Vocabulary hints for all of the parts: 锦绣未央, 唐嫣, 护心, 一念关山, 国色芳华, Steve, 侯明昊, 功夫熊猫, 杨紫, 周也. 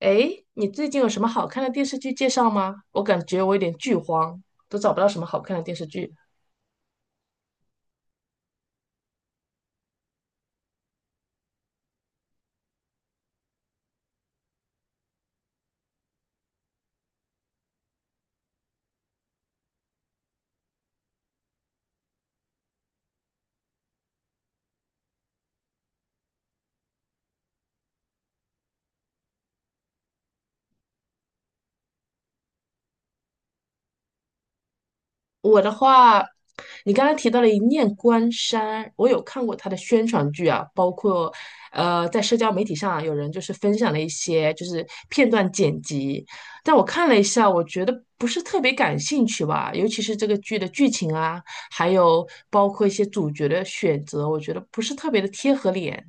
诶，你最近有什么好看的电视剧介绍吗？我感觉我有点剧荒，都找不到什么好看的电视剧。我的话，你刚才提到了《一念关山》，我有看过它的宣传剧啊，包括在社交媒体上啊有人分享了一些片段剪辑，但我看了一下，我觉得不是特别感兴趣吧，尤其是这个剧的剧情啊，还有包括一些主角的选择，我觉得不是特别的贴合脸。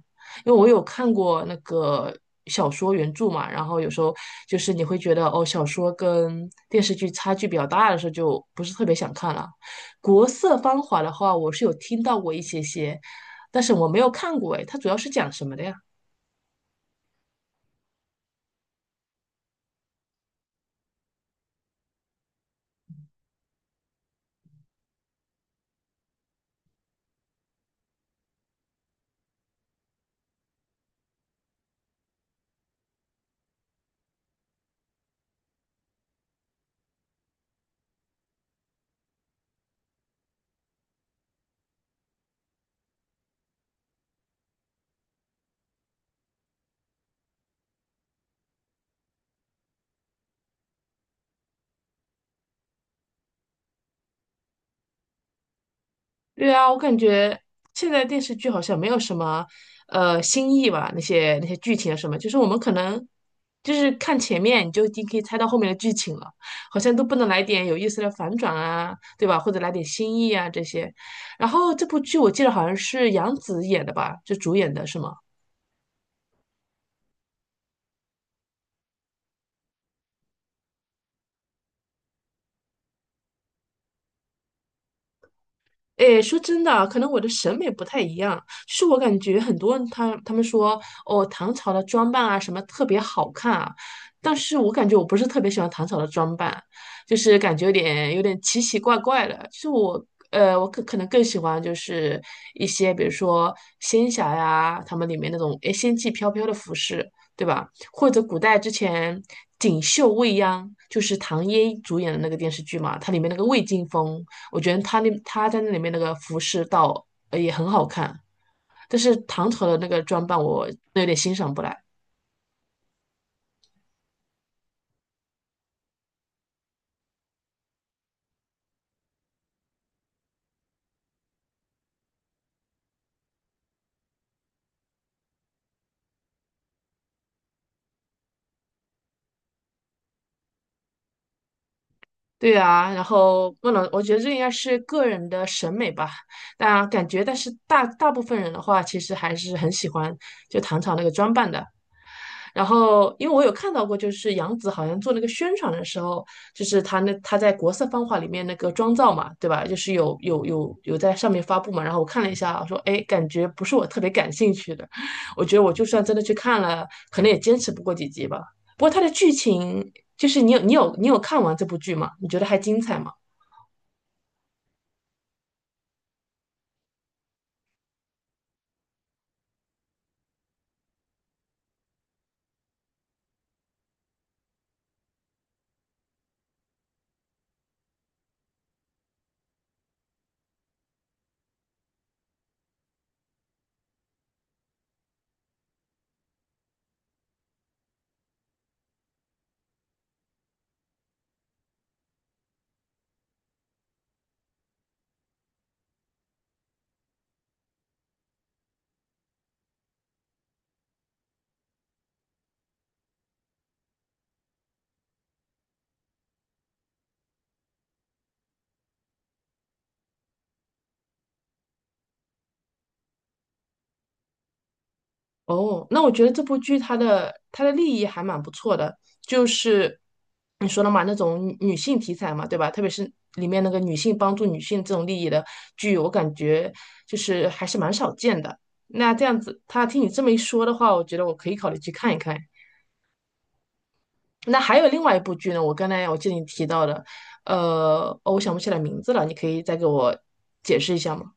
因为我有看过那个小说原著嘛，然后有时候就是你会觉得哦，小说跟电视剧差距比较大的时候，就不是特别想看了。国色芳华的话，我是有听到过一些些，但是我没有看过，哎，它主要是讲什么的呀？对啊，我感觉现在电视剧好像没有什么新意吧，那些剧情啊什么，就是我们可能就是看前面你就已经可以猜到后面的剧情了，好像都不能来点有意思的反转啊，对吧？或者来点新意啊这些。然后这部剧我记得好像是杨紫演的吧，就主演的是吗？诶，说真的啊可能我的审美不太一样，就是我感觉很多人他们说哦，唐朝的装扮啊什么特别好看啊，但是我感觉我不是特别喜欢唐朝的装扮，就是感觉有点奇奇怪怪的。就是我我可能更喜欢就是一些比如说仙侠呀，他们里面那种诶仙气飘飘的服饰，对吧？或者古代之前《锦绣未央》就是唐嫣主演的那个电视剧嘛，它里面那个魏晋风。我觉得他在那里面那个服饰倒也很好看，但是唐朝的那个装扮我有点欣赏不来。对啊，然后不能，我觉得这应该是个人的审美吧。但感觉，但是大大部分人的话，其实还是很喜欢就唐朝那个装扮的。然后，因为我有看到过，就是杨紫好像做那个宣传的时候，就是她在国色芳华里面那个妆造嘛，对吧？就是有在上面发布嘛。然后我看了一下，我说哎，感觉不是我特别感兴趣的。我觉得我就算真的去看了，可能也坚持不过几集吧。不过它的剧情就是你有看完这部剧吗？你觉得还精彩吗？哦，那我觉得这部剧它的立意还蛮不错的，就是你说的嘛，那种女性题材嘛，对吧？特别是里面那个女性帮助女性这种利益的剧，我感觉就是还是蛮少见的。那这样子，他听你这么一说的话，我觉得我可以考虑去看一看。那还有另外一部剧呢，我刚才我记得你提到的，哦我想不起来名字了，你可以再给我解释一下吗？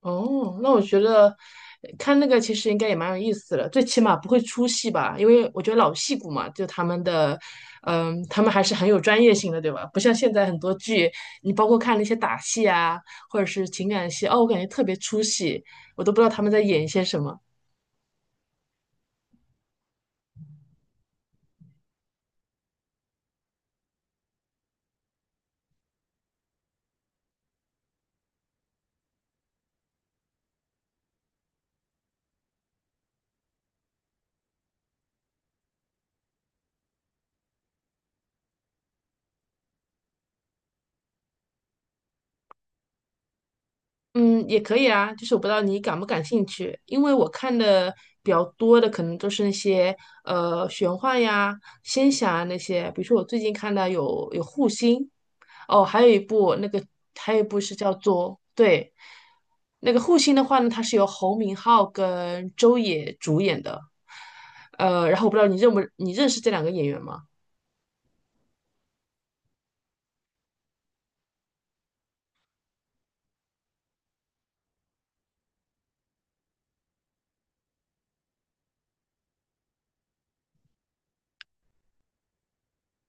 哦，那我觉得看那个其实应该也蛮有意思的，最起码不会出戏吧？因为我觉得老戏骨嘛，就他们的，嗯，他们还是很有专业性的，对吧？不像现在很多剧，你包括看那些打戏啊，或者是情感戏，哦，我感觉特别出戏，我都不知道他们在演一些什么。嗯，也可以啊，就是我不知道你感不感兴趣，因为我看的比较多的可能都是那些玄幻呀、仙侠啊那些，比如说我最近看到有护心，哦，还有一部那个还有一部是叫做对，那个护心的话呢，它是由侯明昊跟周也主演的，然后我不知道你认不你认识这两个演员吗？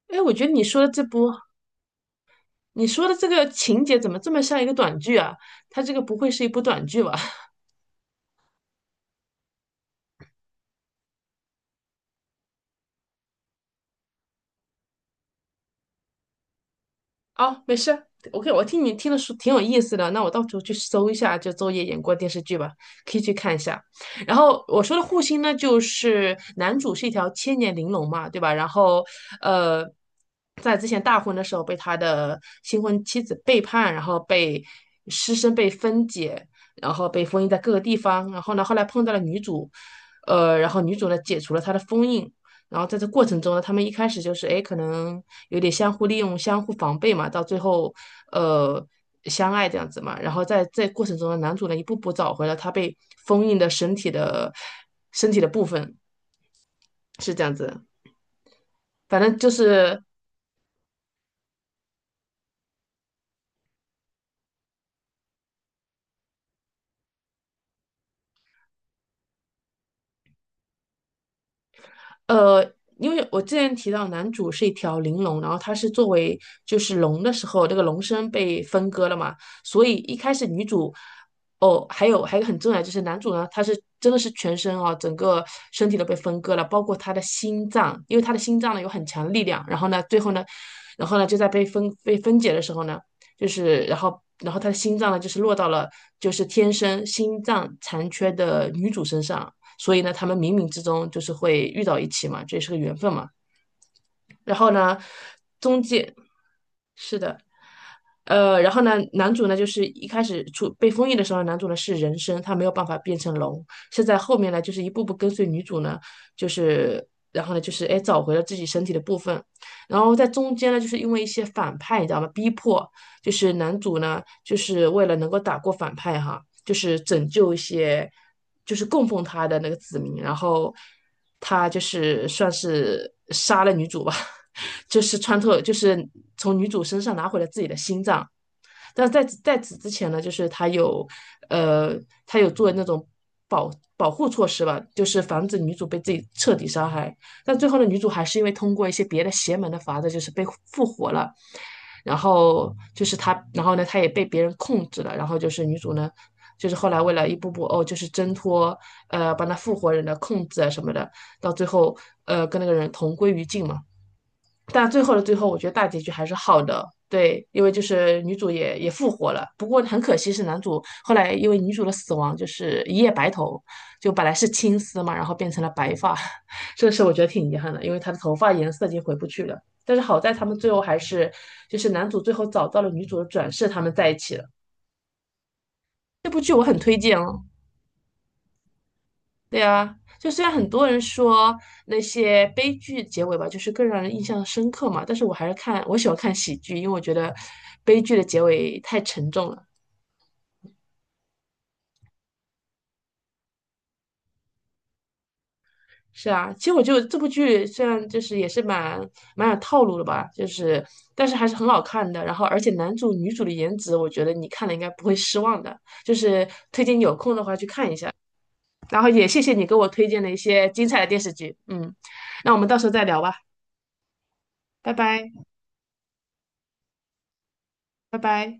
哎，我觉得你说的这部你说的这个情节怎么这么像一个短剧啊？它这个不会是一部短剧吧？哦，没事，OK,我听你听的说挺有意思的，那我到时候去搜一下就周也演过的电视剧吧，可以去看一下。然后我说的护心呢，就是男主是一条千年玲珑嘛，对吧？然后呃，在之前大婚的时候被他的新婚妻子背叛，然后被尸身被分解，然后被封印在各个地方。然后呢，后来碰到了女主，然后女主呢解除了他的封印，然后在这过程中呢，他们一开始就是哎，可能有点相互利用、相互防备嘛，到最后呃相爱这样子嘛。然后在这过程中呢，男主呢一步步找回了他被封印的身体的部分，是这样子。反正就是呃，因为我之前提到男主是一条灵龙，然后他是作为就是龙的时候，这个龙身被分割了嘛，所以一开始女主，哦，还有一个很重要的就是男主呢，他是真的是全身啊，整个身体都被分割了，包括他的心脏，因为他的心脏呢有很强的力量，然后呢最后呢，然后呢就在被分解的时候呢，就是然后他的心脏呢就是落到了就是天生心脏残缺的女主身上。所以呢，他们冥冥之中就是会遇到一起嘛，这也是个缘分嘛。然后呢，中介是的，然后呢，男主呢就是一开始出被封印的时候，男主呢是人身，他没有办法变成龙。是在后面呢，就是一步步跟随女主呢，就是然后呢就是哎找回了自己身体的部分。然后在中间呢，就是因为一些反派，你知道吗？逼迫就是男主呢，就是为了能够打过反派哈，就是拯救一些，就是供奉他的那个子民，然后他就是算是杀了女主吧，就是穿透，就是从女主身上拿回了自己的心脏，但是在在此之前呢，就是他有呃，他有做那种保保护措施吧，就是防止女主被自己彻底杀害。但最后呢，女主还是因为通过一些别的邪门的法子，就是被复活了。然后就是他，然后呢，他也被别人控制了。然后就是女主呢，就是后来为了一步步哦，就是挣脱把那复活人的控制啊什么的，到最后跟那个人同归于尽嘛。但最后的最后，我觉得大结局还是好的。对，因为就是女主也复活了，不过很可惜是男主后来因为女主的死亡就是一夜白头，就本来是青丝嘛，然后变成了白发，这个事我觉得挺遗憾的，因为他的头发颜色已经回不去了。但是好在他们最后还是就是男主最后找到了女主的转世，他们在一起了。这部剧我很推荐哦。对啊，就虽然很多人说那些悲剧结尾吧，就是更让人印象深刻嘛，但是我还是看，我喜欢看喜剧，因为我觉得悲剧的结尾太沉重了。是啊，其实我觉得这部剧虽然就是也是蛮有套路的吧，就是但是还是很好看的。然后而且男主女主的颜值，我觉得你看了应该不会失望的，就是推荐有空的话去看一下。然后也谢谢你给我推荐了一些精彩的电视剧，嗯，那我们到时候再聊吧，拜拜，拜拜。